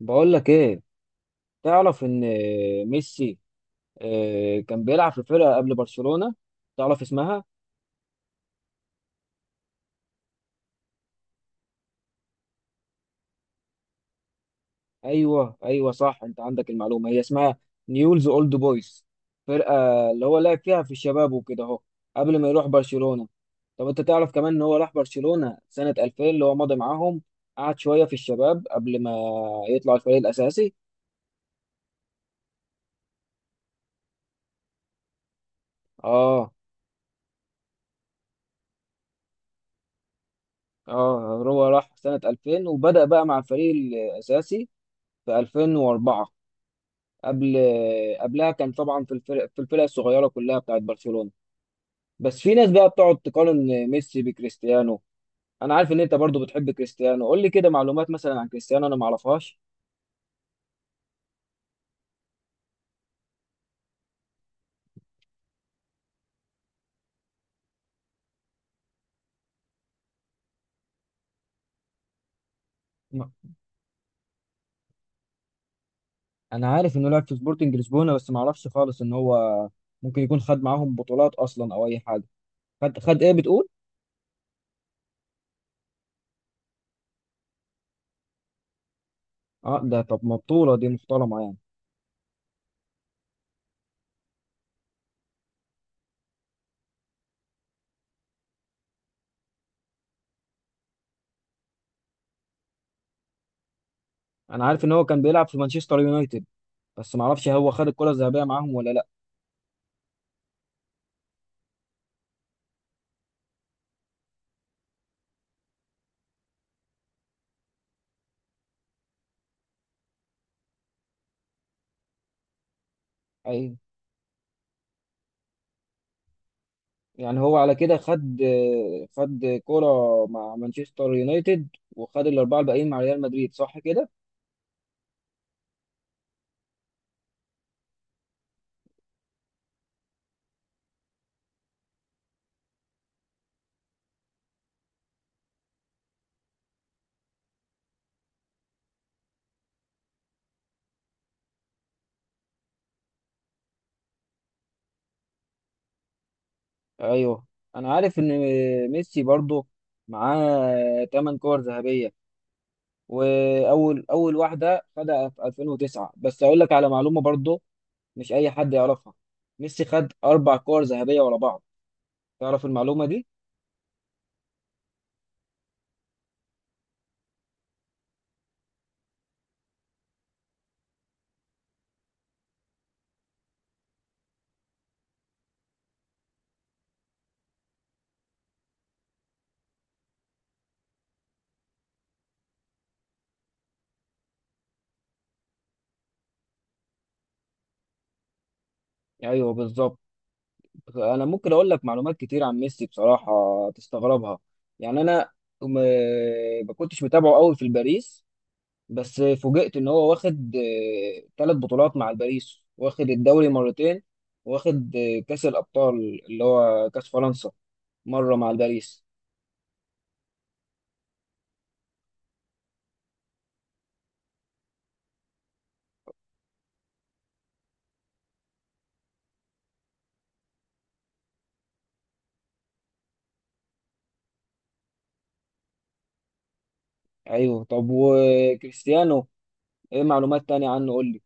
بقول لك ايه؟ تعرف ان ميسي كان بيلعب في فرقه قبل برشلونه، تعرف اسمها؟ ايوه، ايوه، صح. انت عندك المعلومه، هي اسمها نيولز اولد بويز، فرقه اللي هو لعب فيها في الشباب وكده اهو، قبل ما يروح برشلونه. طب انت تعرف كمان ان هو راح برشلونه سنه 2000، اللي هو مضى معاهم قعد شويه في الشباب قبل ما يطلع الفريق الاساسي؟ اه. اه، هو راح سنه 2000 وبدأ بقى مع الفريق الاساسي في 2004. قبل قبلها كان طبعا في الفرق الصغيره كلها بتاعت برشلونه. بس في ناس بقى بتقعد تقارن ميسي بكريستيانو. انا عارف ان انت برضو بتحب كريستيانو، قول لي كده معلومات مثلا عن كريستيانو انا ما اعرفهاش. م- انا عارف انه لعب في سبورتنج لشبونه بس ما اعرفش خالص ان هو ممكن يكون خد معاهم بطولات اصلا او اي حاجه. خد ايه بتقول؟ اه، ده طب ما بطوله دي محترمه يعني. انا عارف ان هو كان بيلعب في مانشستر يونايتد بس ما اعرفش هو خد الكره الذهبيه معاهم ولا لا. اي، يعني هو على كده خد كرة مع مانشستر يونايتد، وخد الأربعة الباقيين مع ريال مدريد، صح كده؟ أيوه، أنا عارف إن ميسي برضه معاه تمن كور ذهبية، وأول واحدة خدها في 2009. بس أقول لك على معلومة برضه مش أي حد يعرفها، ميسي خد أربع كور ذهبية ورا بعض، تعرف المعلومة دي؟ أيوه بالظبط. انا ممكن اقول لك معلومات كتير عن ميسي بصراحه، تستغربها. يعني انا م... ما كنتش متابعه قوي في الباريس، بس فوجئت ان هو واخد ثلاث بطولات مع الباريس، واخد الدوري مرتين، واخد كاس الابطال اللي هو كاس فرنسا، مره مع الباريس. ايوه، طب وكريستيانو ايه معلومات تانية عنه، قول لي.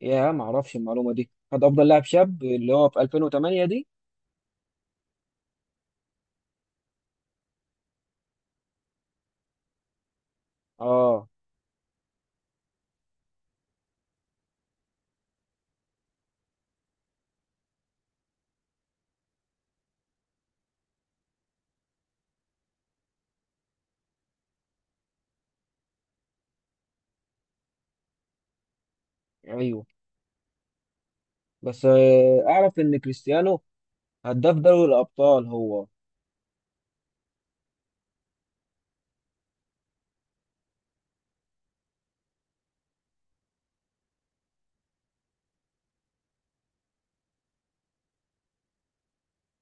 يا، ما اعرفش المعلومه دي، خد افضل لاعب شاب اللي هو في 2008 دي. اه، ايوه. بس اعرف ان كريستيانو هداف دوري الأبطال هو.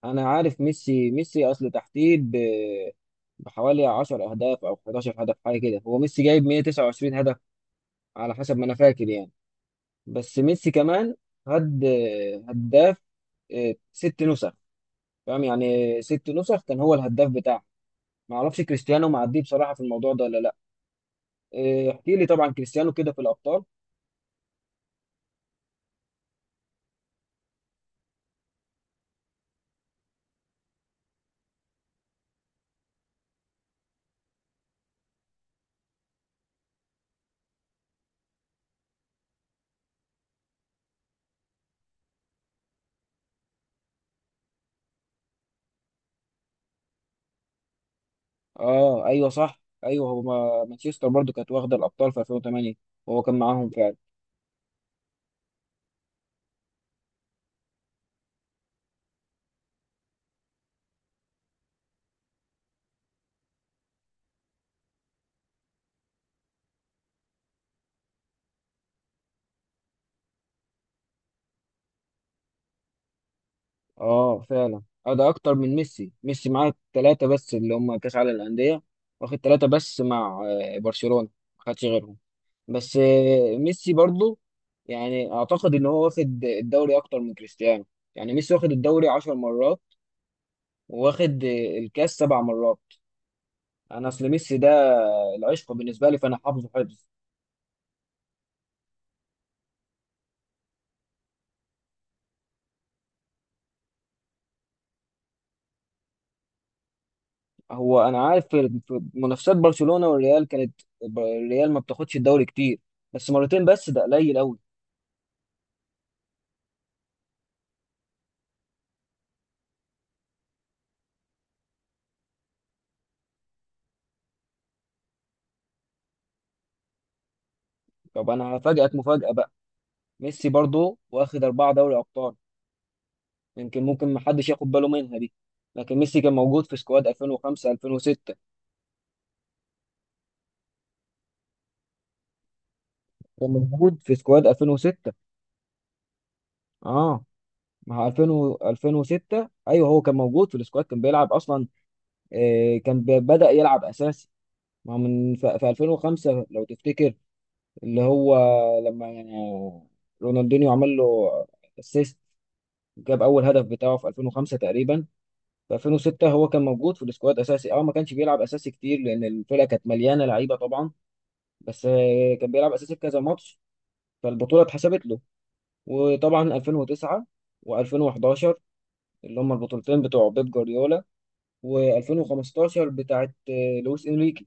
أنا عارف، ميسي أصل تحتيه بحوالي 10 أهداف أو 11 هدف حاجة كده، هو ميسي جايب 129 هدف على حسب ما أنا فاكر يعني. بس ميسي كمان هد هداف ست نسخ، فاهم؟ يعني ست نسخ كان هو الهداف بتاعه. معرفش كريستيانو معديه بصراحة في الموضوع ده ولا لأ. احكي لي طبعا كريستيانو كده في الأبطال. أه، أيوه، صح، أيوه، هو مانشستر برضو كانت واخدة الأبطال في 2008 وهو كان معاهم فعلا. اه، فعلا. اه، ده اكتر من ميسي. ميسي معاه ثلاثة بس، اللي هم كاس عالم الأندية، واخد ثلاثة بس مع برشلونة، ما خدش غيرهم. بس ميسي برضو يعني اعتقد ان هو واخد الدوري اكتر من كريستيانو، يعني ميسي واخد الدوري 10 مرات، وواخد الكاس سبع مرات. انا اصل ميسي ده العشق بالنسبة لي، فانا حافظه حفظ. هو انا عارف، في منافسات برشلونة والريال كانت الريال ما بتاخدش الدوري كتير، بس مرتين بس ده قليل قوي. طب انا هفاجئك مفاجأة، ميسي برضه واخد أربعة دوري أبطال، يمكن ممكن محدش ياخد باله منها دي. لكن ميسي كان موجود في سكواد 2005 2006، كان موجود في سكواد 2006. اه، مع 2000 2006 ايوه هو كان موجود في السكواد، كان بيلعب اصلا. آه، كان بدأ يلعب اساسي مع من في 2005 لو تفتكر، اللي هو لما يعني رونالدينيو عمل له اسيست، جاب اول هدف بتاعه في 2005 تقريبا. في 2006 هو كان موجود في السكواد اساسي، اه ما كانش بيلعب اساسي كتير لان الفرقه كانت مليانه لعيبه طبعا، بس كان بيلعب اساسي في كذا ماتش، فالبطوله اتحسبت له. وطبعا 2009 و2011 اللي هم البطولتين بتوع بيب جوارديولا، و2015 بتاعت لويس انريكي،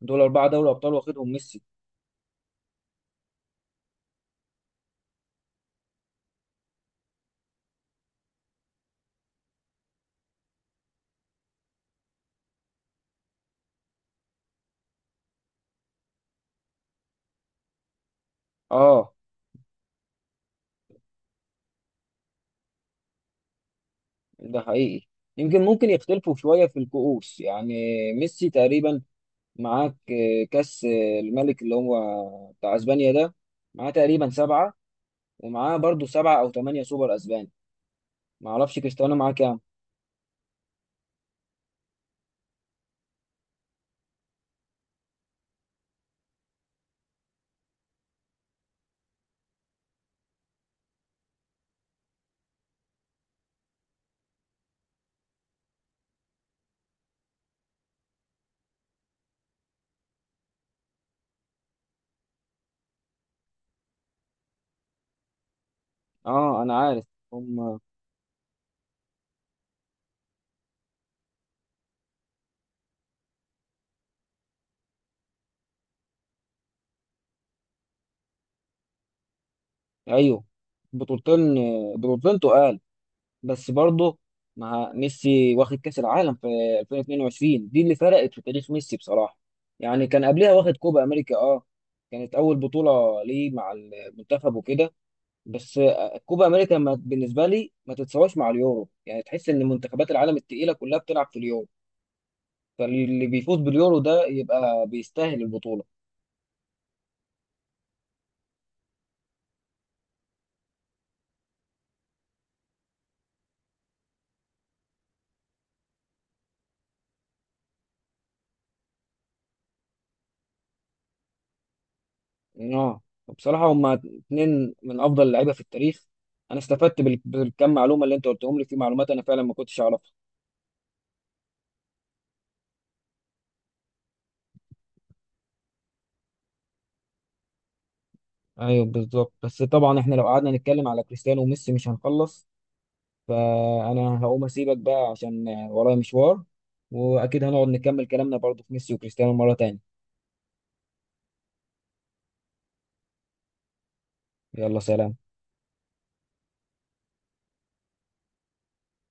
دول اربعه دوري ابطال واخدهم ميسي. اه، ده حقيقي. يمكن ممكن يختلفوا شويه في الكؤوس يعني، ميسي تقريبا معاك كاس الملك اللي هو بتاع اسبانيا ده، معاه تقريبا سبعه، ومعاه برضو سبعة أو تمانية سوبر أسبان. معرفش كريستيانو معاه كام. اه، أنا عارف. هم. أيوه، بطولتين، بطولتين تقال. بس برضو مع ميسي واخد كأس العالم في 2022، دي اللي فرقت في تاريخ ميسي بصراحة. يعني كان قبلها واخد كوبا أمريكا، اه، كانت أول بطولة ليه مع المنتخب وكده. بس كوبا أمريكا بالنسبة لي ما تتساواش مع اليورو، يعني تحس إن منتخبات العالم التقيلة كلها بتلعب في اليورو، فاللي بيفوز باليورو ده يبقى بيستاهل البطولة. اه، بصراحة هما اتنين من أفضل اللعيبة في التاريخ. أنا استفدت بالكم معلومة اللي أنت قلتهم لي، في معلومات أنا فعلا ما كنتش أعرفها. أيوه بالظبط، بس طبعا إحنا لو قعدنا نتكلم على كريستيانو وميسي مش هنخلص، فأنا هقوم أسيبك بقى عشان ورايا مشوار، وأكيد هنقعد نكمل كلامنا برضه في ميسي وكريستيانو مرة تانية. يلا، سلام.